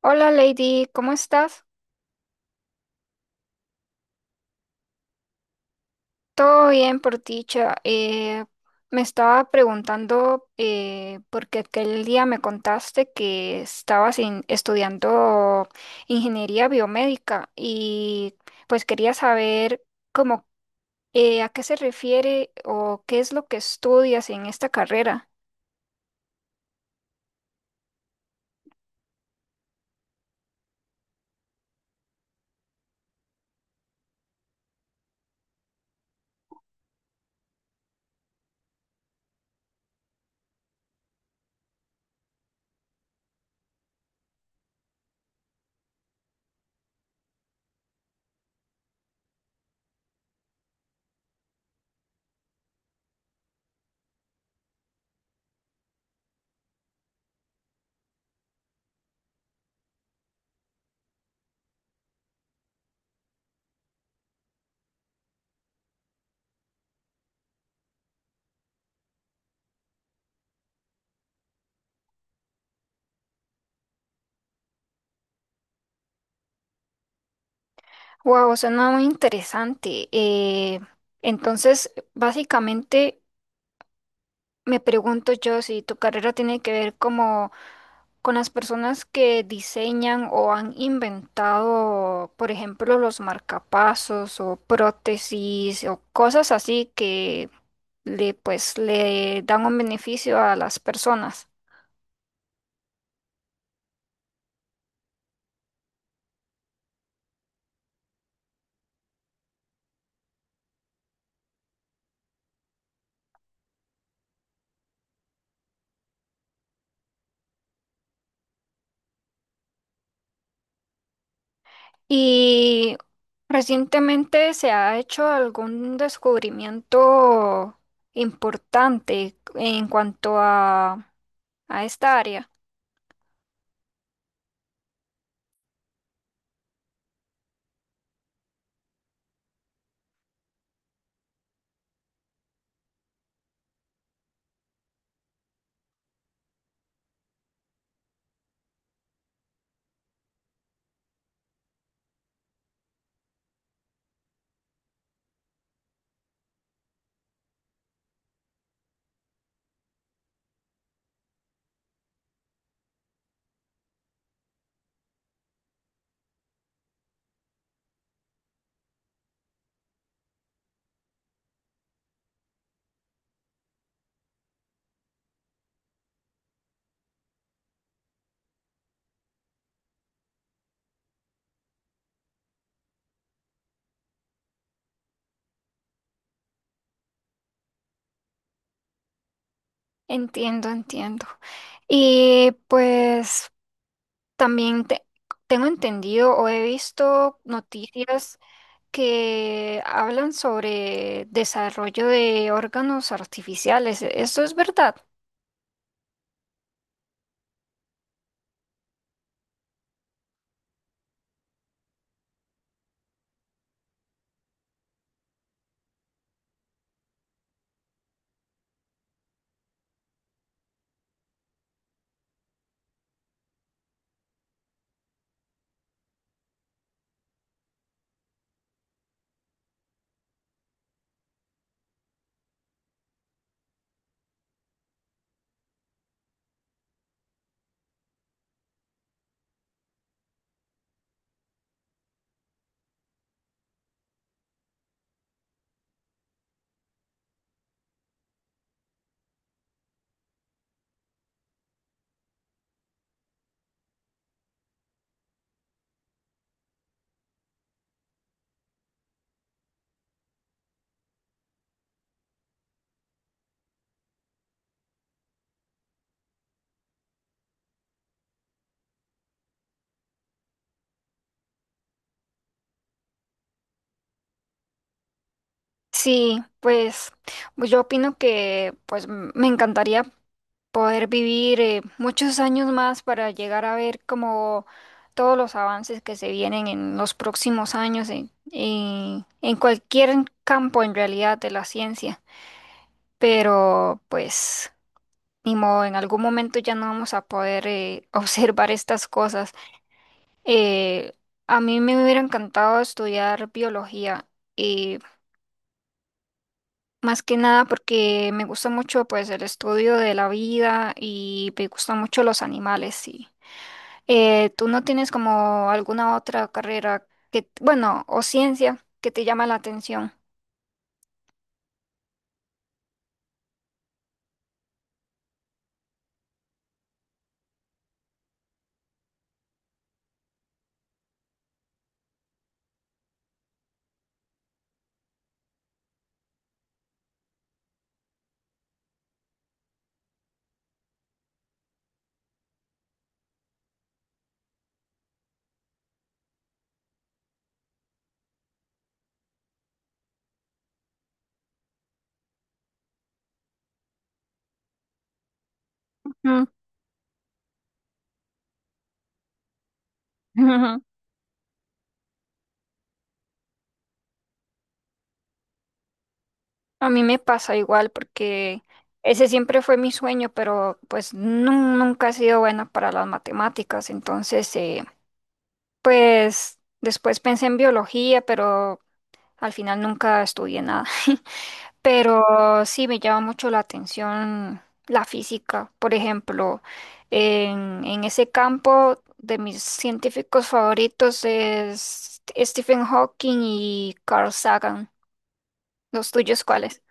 Hola Lady, ¿cómo estás? Todo bien por dicha. Me estaba preguntando porque aquel día me contaste que estabas estudiando ingeniería biomédica y pues quería saber cómo, a qué se refiere o qué es lo que estudias en esta carrera. Wow, suena muy interesante. Entonces, básicamente me pregunto yo si tu carrera tiene que ver como con las personas que diseñan o han inventado, por ejemplo, los marcapasos o prótesis o cosas así que pues, le dan un beneficio a las personas. Y recientemente se ha hecho algún descubrimiento importante en cuanto a esta área. Entiendo, entiendo. Y pues también tengo entendido o he visto noticias que hablan sobre desarrollo de órganos artificiales. ¿Eso es verdad? Sí, pues pues yo opino que pues me encantaría poder vivir, muchos años más para llegar a ver como todos los avances que se vienen en los próximos años en, en cualquier campo en realidad de la ciencia. Pero pues ni modo, en algún momento ya no vamos a poder, observar estas cosas. Eh, a mí me hubiera encantado estudiar biología, eh, más que nada porque me gusta mucho pues el estudio de la vida y me gustan mucho los animales. Sí. ¿Tú no tienes como alguna otra carrera que, bueno, o ciencia que te llama la atención? Mm. A mí me pasa igual porque ese siempre fue mi sueño, pero pues nunca he sido buena para las matemáticas. Entonces, pues después pensé en biología, pero al final nunca estudié nada. Pero sí me llama mucho la atención la física. Por ejemplo, en ese campo, de mis científicos favoritos es Stephen Hawking y Carl Sagan. ¿Los tuyos cuáles?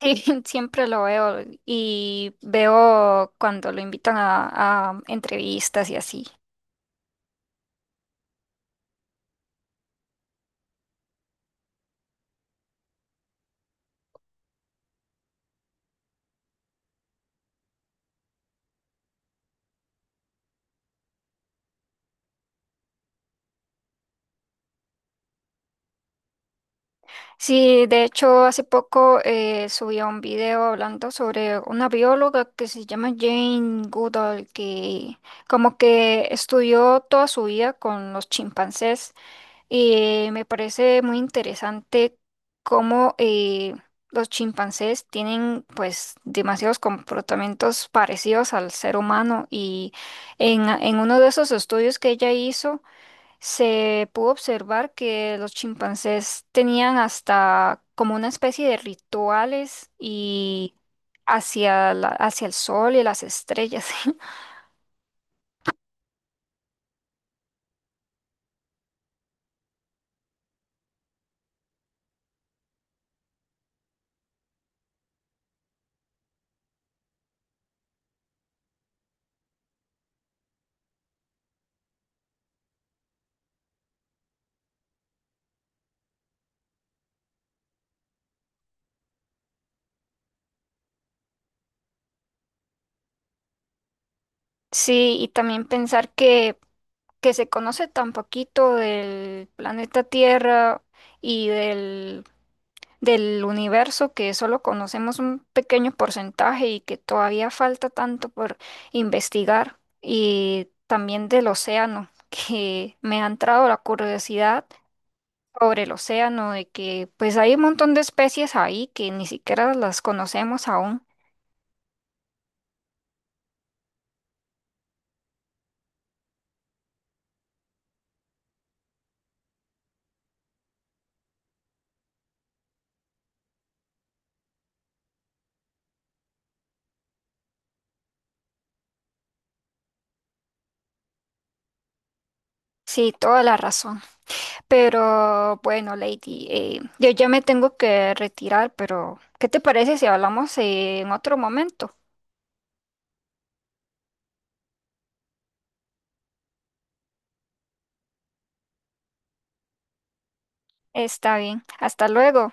Sí, siempre lo veo y veo cuando lo invitan a entrevistas y así. Sí, de hecho, hace poco, subí un video hablando sobre una bióloga que se llama Jane Goodall, que como que estudió toda su vida con los chimpancés. Me parece muy interesante cómo, los chimpancés tienen pues demasiados comportamientos parecidos al ser humano, y en uno de esos estudios que ella hizo se pudo observar que los chimpancés tenían hasta como una especie de rituales y hacia hacia el sol y las estrellas. Sí, y también pensar que se conoce tan poquito del planeta Tierra y del, del universo, que solo conocemos un pequeño porcentaje y que todavía falta tanto por investigar, y también del océano, que me ha entrado la curiosidad sobre el océano, de que pues hay un montón de especies ahí que ni siquiera las conocemos aún. Sí, toda la razón. Pero bueno, Lady, yo ya me tengo que retirar, pero ¿qué te parece si hablamos, en otro momento? Está bien, hasta luego.